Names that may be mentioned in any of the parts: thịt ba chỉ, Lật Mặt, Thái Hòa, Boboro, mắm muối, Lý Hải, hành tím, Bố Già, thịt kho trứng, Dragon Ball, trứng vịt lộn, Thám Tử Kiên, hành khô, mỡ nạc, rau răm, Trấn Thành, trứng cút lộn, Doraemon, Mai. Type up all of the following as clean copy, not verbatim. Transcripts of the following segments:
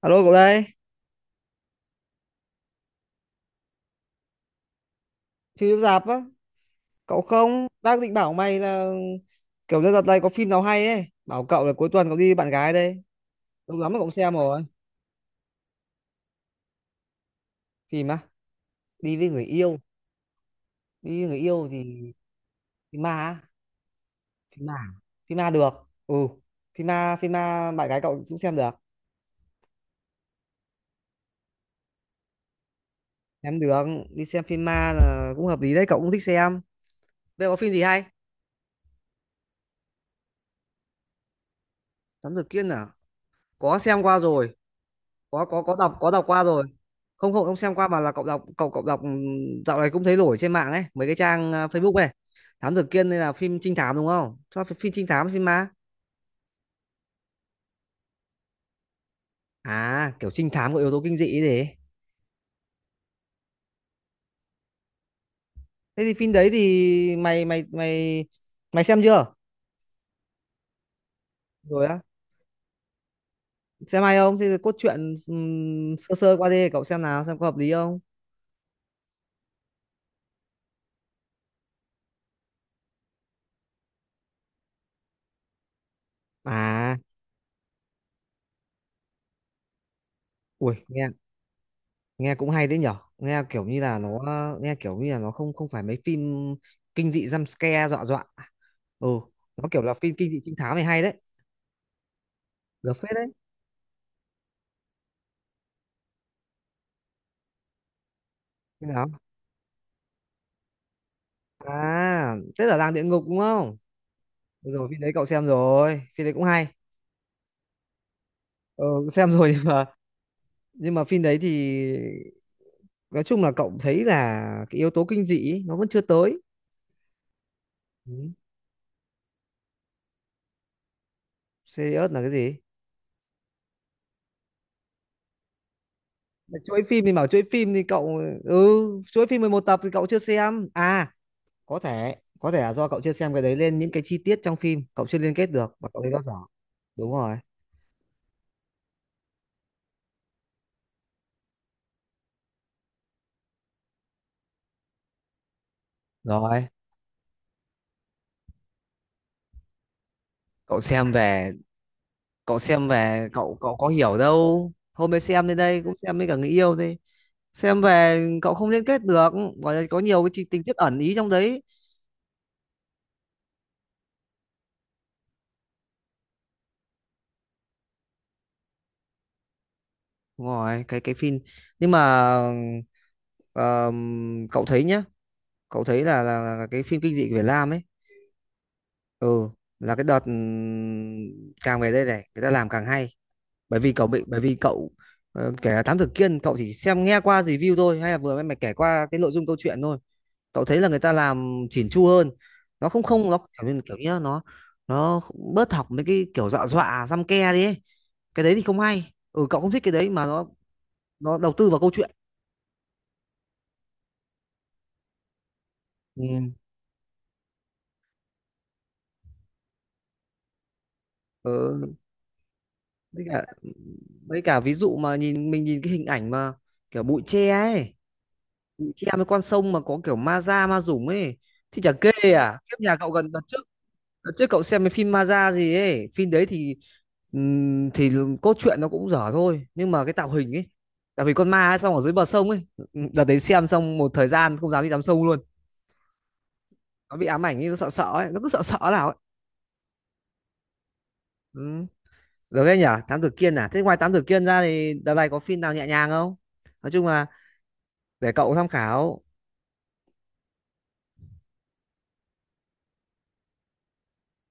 Alo cậu đây, phim chiếu rạp á, cậu không? Đang định bảo mày là kiểu như đợt này có phim nào hay ấy, bảo cậu là cuối tuần cậu đi với bạn gái đây, lâu lắm rồi cậu xem rồi. Phim á, đi với người yêu, thì phim ma, á, phim ma, phim ma được. Ừ, phim ma bạn gái cậu cũng xem được, đi xem phim ma là cũng hợp lý đấy, cậu cũng thích xem. Bây giờ có phim gì hay? Thám tử Kiên à? Có xem qua rồi, có có đọc qua rồi. Không không không xem qua mà là cậu đọc cậu cậu đọc. Dạo này cũng thấy nổi trên mạng ấy mấy cái trang à, Facebook này. Thám Tử Kiên đây là phim trinh thám đúng không, sao phải phim trinh thám, phim ma? À kiểu trinh thám có yếu tố kinh dị ấy gì. Thế thì phim đấy thì mày mày xem chưa? Rồi á? Xem hay không? Thế thì cốt truyện sơ sơ qua đi cậu xem nào, xem có hợp lý không. À ui nghe, nghe cũng hay đấy nhở, nghe kiểu như là nó kiểu như là nó không, không phải mấy phim kinh dị jump scare dọa dọa. Ừ, nó kiểu là phim kinh dị trinh thám này, hay đấy, được phết đấy. Thế nào? À thế là Làng Địa Ngục đúng không? Được rồi, phim đấy cậu xem rồi, phim đấy cũng hay. Ừ, xem rồi nhưng mà phim đấy thì nói chung là cậu thấy là cái yếu tố kinh dị ấy, nó vẫn chưa tới. Ừ. Serious là cái gì? Mà chuỗi phim thì bảo chuỗi phim thì cậu, ừ, chuỗi phim 11 tập thì cậu chưa xem à? Có thể, là do cậu chưa xem cái đấy lên những cái chi tiết trong phim cậu chưa liên kết được và cậu thấy nó dở. Đúng rồi. Rồi, cậu xem về, cậu cậu có hiểu đâu. Hôm mới xem đến đây cũng xem với cả người yêu đi. Xem về cậu không liên kết được, gọi là có nhiều cái tình tiết ẩn ý trong đấy. Đúng rồi, cái phim. Nhưng mà cậu thấy nhá, cậu thấy là, là cái phim kinh dị của Việt Nam ấy, ừ, là cái đợt càng về đây này, người ta làm càng hay. Bởi vì cậu bị, bởi vì cậu kể Thám Tử Kiên cậu chỉ xem nghe qua review thôi hay là vừa em mày kể qua cái nội dung câu chuyện thôi, cậu thấy là người ta làm chỉn chu hơn. Nó không, không nó kiểu như, nó nó bớt học mấy cái kiểu dọa dọa xăm ke đi ấy. Cái đấy thì không hay, ừ, cậu không thích cái đấy, mà nó đầu tư vào câu chuyện. Ừ. Ừ. Với cả, ví dụ mà nhìn mình nhìn cái hình ảnh mà kiểu bụi tre ấy, bụi tre với con sông mà có kiểu ma da ma dũng ấy, thì chả kê à kiếp nhà cậu gần đợt trước. Đợt trước cậu xem cái phim ma da gì ấy, phim đấy thì cốt truyện nó cũng dở thôi, nhưng mà cái tạo hình ấy, tạo hình con ma ấy, xong ở dưới bờ sông ấy, đợt đấy xem xong một thời gian không dám đi tắm sông luôn. Nó bị ám ảnh ấy, nó sợ sợ ấy, nó cứ sợ sợ nào ấy. Ừ. Được đấy nhỉ, Thám Tử Kiên. À thế ngoài Thám Tử Kiên ra thì đợt này có phim nào nhẹ nhàng không, nói chung là để cậu tham khảo.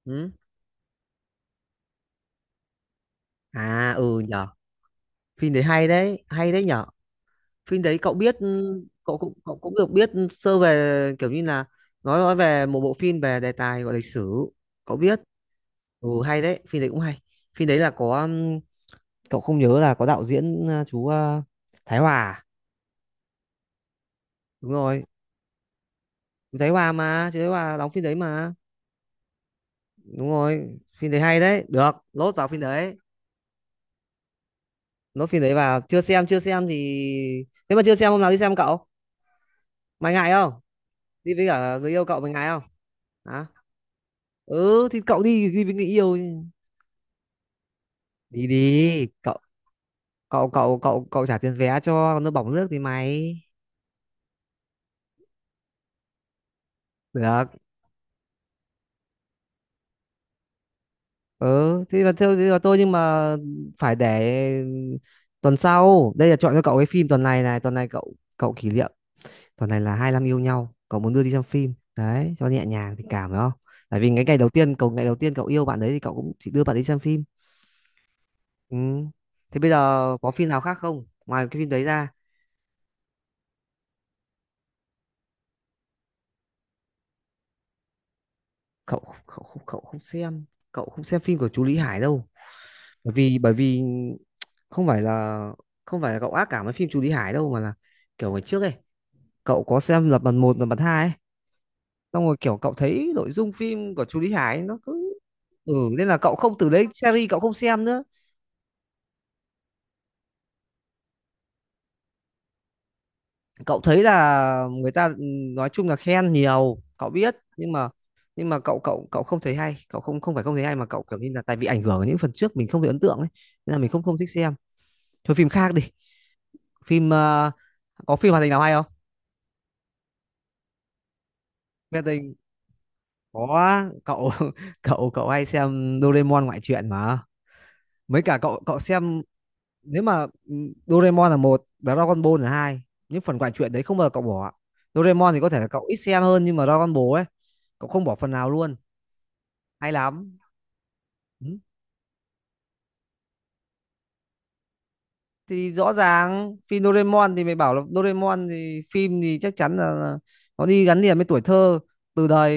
Ừ. À ừ nhở, phim đấy hay đấy, hay đấy nhở. Phim đấy cậu biết, ừ, cậu cũng được biết sơ về kiểu như là nói, về một bộ phim về đề tài gọi lịch sử. Cậu biết, ừ, hay đấy, phim đấy cũng hay. Phim đấy là có cậu không nhớ là có đạo diễn chú Thái Hòa à? Đúng rồi. Chú Thái Hòa mà, chú Thái Hòa đóng phim đấy mà, đúng rồi. Phim đấy hay đấy, được lốt vào phim đấy. Lốt phim đấy vào chưa xem, chưa xem thì nếu mà chưa xem hôm nào đi xem, cậu. Mày ngại không? Đi với cả người yêu cậu, mày ngại không? Hả? Ừ thì cậu đi, đi với người yêu. Đi đi cậu, cậu cậu cậu cậu trả tiền vé cho, còn nước bỏng nước thì mày. Được. Ừ thế là theo, thế là tôi, nhưng mà phải để tuần sau đây là chọn cho cậu cái phim. Tuần này này, tuần này cậu, cậu kỷ niệm, tuần này là 25 yêu nhau, cậu muốn đưa đi xem phim đấy cho nhẹ nhàng tình cảm, phải không? Tại vì cái ngày đầu tiên cậu, ngày đầu tiên cậu yêu bạn đấy thì cậu cũng chỉ đưa bạn đi xem phim. Ừ. Thế bây giờ có phim nào khác không, ngoài cái phim đấy ra? Cậu, cậu không xem, cậu không xem phim của chú Lý Hải đâu. Bởi vì không phải là không phải là cậu ác cảm với phim chú Lý Hải đâu, mà là kiểu ngày trước ấy, cậu có xem Lật Mặt một, Lật Mặt hai ấy, xong rồi kiểu cậu thấy nội dung phim của chú Lý Hải nó cứ, ừ, nên là cậu không, từ đấy series cậu không xem nữa. Cậu thấy là người ta, ừ, nói chung là khen nhiều cậu biết, nhưng mà cậu cậu cậu không thấy hay, cậu không, không phải không thấy hay, mà cậu kiểu như là tại vì ảnh hưởng ở những phần trước mình không thấy ấn tượng ấy, nên là mình không, không thích xem. Thôi phim khác đi, phim có phim hoạt hình nào hay không? Hoạt hình, có cậu cậu cậu hay xem Doraemon ngoại truyện mà, mấy cả cậu cậu xem. Nếu mà ừ, Doraemon là một, Dragon Ball là hai, những phần ngoại truyện đấy không bao giờ cậu bỏ. Doraemon thì có thể là cậu ít xem hơn, nhưng mà Dragon Ball ấy cậu không bỏ phần nào luôn, hay lắm. Ừ. Thì rõ ràng phim Doraemon thì mày bảo là Doraemon thì phim thì chắc chắn là nó đi gắn liền với tuổi thơ, từ đời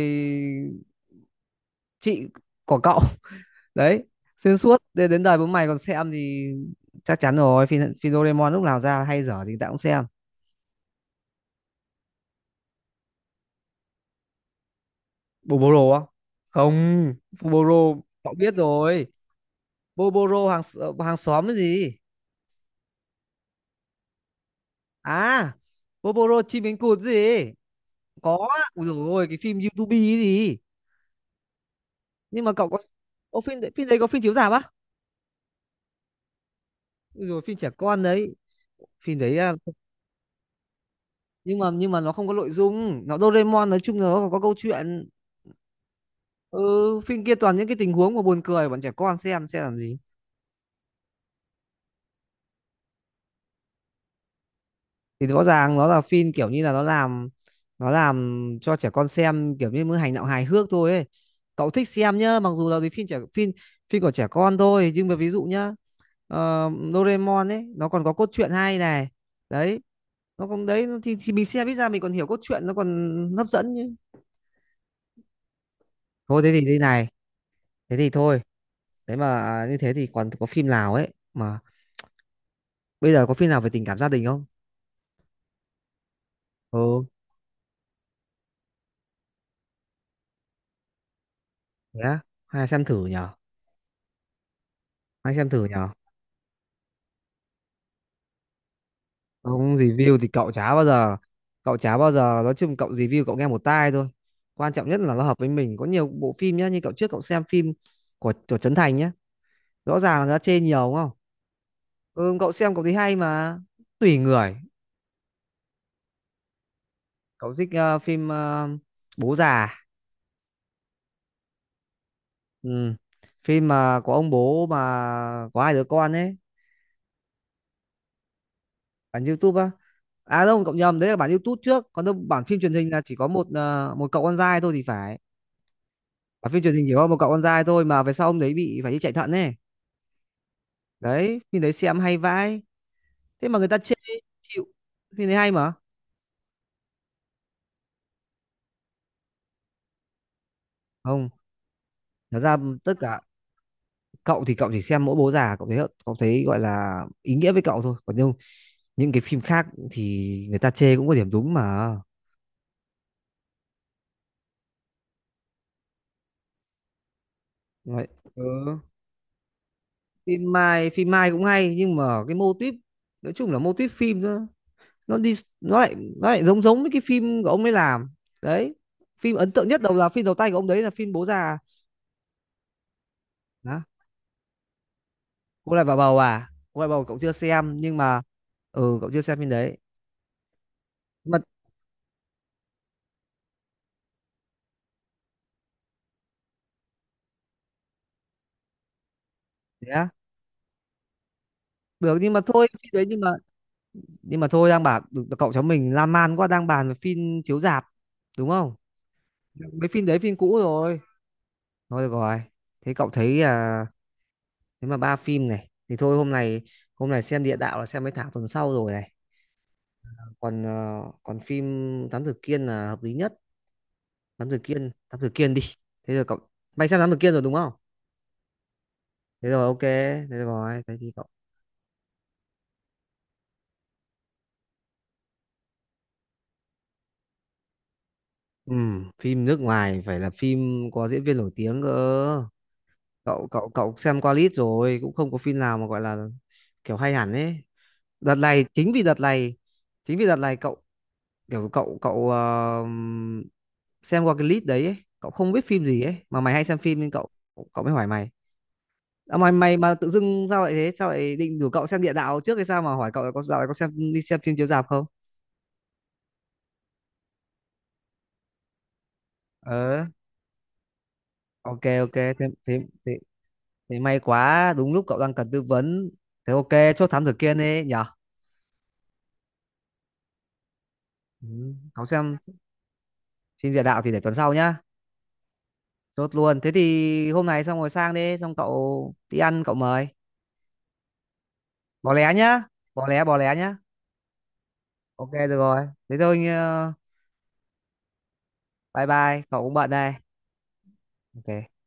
chị của cậu đấy, xuyên suốt đến đến đời bố mày còn xem, thì chắc chắn rồi, phim phim Doraemon lúc nào ra hay dở thì tao cũng xem. Boboro á? Không. Boboro cậu biết rồi. Boboro hàng xóm cái gì? À, Boboro chim cánh cụt gì. Có á. Ui dồi ôi, cái phim YouTube ấy gì. Nhưng mà cậu có, ô, phim đấy có phim chiếu rạp á? Ui dồi phim trẻ con đấy. Phim đấy à, nhưng mà nó không có nội dung, nó Doraemon nói chung là nó có câu chuyện. Ừ, phim kia toàn những cái tình huống mà buồn cười, bọn trẻ con xem làm gì. Thì rõ ràng nó là phim kiểu như là nó làm, cho trẻ con xem kiểu như mới hành động hài hước thôi ấy. Cậu thích xem nhá, mặc dù là cái phim trẻ, phim phim của trẻ con thôi, nhưng mà ví dụ nhá, ờ, Doraemon ấy nó còn có cốt truyện hay này, đấy. Nó cũng đấy, nó thì mình xem ít ra mình còn hiểu cốt truyện, nó còn hấp dẫn chứ. Thôi thế thì thế này, thế thì thôi. Thế mà à, như thế thì còn có phim nào ấy, mà bây giờ có phim nào về tình cảm gia đình không? Ừ. Thế á? Hay xem thử nhở, hay xem thử nhở ông review thì cậu chả bao giờ, nói chung cậu review cậu nghe một tai thôi, quan trọng nhất là nó hợp với mình. Có nhiều bộ phim nhá, như cậu trước cậu xem phim của Trấn Thành nhá, rõ ràng là nó chê nhiều đúng không? Ừ, cậu xem cậu thấy hay mà, tùy người. Cậu thích ờ, phim ờ, Bố Già. Ừ. Phim mà có ông bố mà có hai đứa con ấy. Bản YouTube á? À đâu cậu nhầm, đấy là bản YouTube trước, còn đâu bản phim truyền hình là chỉ có một ờ, một cậu con trai thôi thì phải. Và phim truyền hình chỉ có một cậu con trai thôi, mà về sau ông đấy bị phải đi chạy thận ấy. Đấy, phim đấy xem hay vãi. Thế mà người ta chê, chịu. Phim đấy hay mà. Không, thật ra tất cả, cậu thì cậu chỉ xem mỗi Bố Già, cậu thấy gọi là ý nghĩa với cậu thôi. Còn nhưng những cái phim khác thì người ta chê cũng có điểm đúng mà. Đấy. Ừ. Phim Mai cũng hay nhưng mà cái mô típ, nói chung là mô típ phim nó đi, nó lại giống, giống với cái phim của ông ấy làm. Đấy, phim ấn tượng nhất đầu là phim đầu tay của ông đấy là phim Bố Già. Đó, cô lại vào bầu, à, cô lại bầu cậu chưa xem, nhưng mà ừ cậu chưa xem phim đấy. Nhưng mà thế á? Được, nhưng mà thôi phim đấy, nhưng mà thôi cậu cháu mình lan man quá, đang bàn về phim chiếu rạp đúng không. Mấy phim đấy phim cũ rồi, thôi được rồi, thế cậu thấy à, thế mà ba phim này thì thôi. Hôm nay, xem địa Đạo là xem mấy tháng, tuần sau rồi này. Còn ờ, còn phim Thám Tử Kiên là hợp lý nhất. Thám Tử Kiên, Thám Tử Kiên đi. Thế rồi cậu, mày xem Thám Tử Kiên rồi đúng không? Thế rồi ok, thế rồi thế thì cậu. Ừ, phim nước ngoài phải là phim có diễn viên nổi tiếng cơ. Cậu cậu cậu xem qua list rồi, cũng không có phim nào mà gọi là kiểu hay hẳn ấy. Đợt này, chính vì đợt này cậu kiểu cậu cậu ờ, xem qua cái list đấy ấy, cậu không biết phim gì ấy, mà mày hay xem phim nên cậu cậu mới hỏi mày. À, mày mày mà tự dưng sao lại thế? Sao lại định rủ cậu xem Địa Đạo trước hay sao mà hỏi cậu là có dạo này có xem đi xem phim chiếu rạp không? Ờ, ok ok. Thế thế thế thì may quá, đúng lúc cậu đang cần tư vấn. Thế ok, chốt Thám Tử Kiên đi nhở. Ừ. Cậu xem phim Địa Đạo thì để tuần sau nhá. Chốt luôn. Thế thì hôm nay xong rồi sang đi, xong cậu đi ăn cậu mời. Bỏ lé nhá, bỏ lé nhá. Ok được rồi. Thế thôi ờ, bye bye, cậu cũng bận đây. Ok.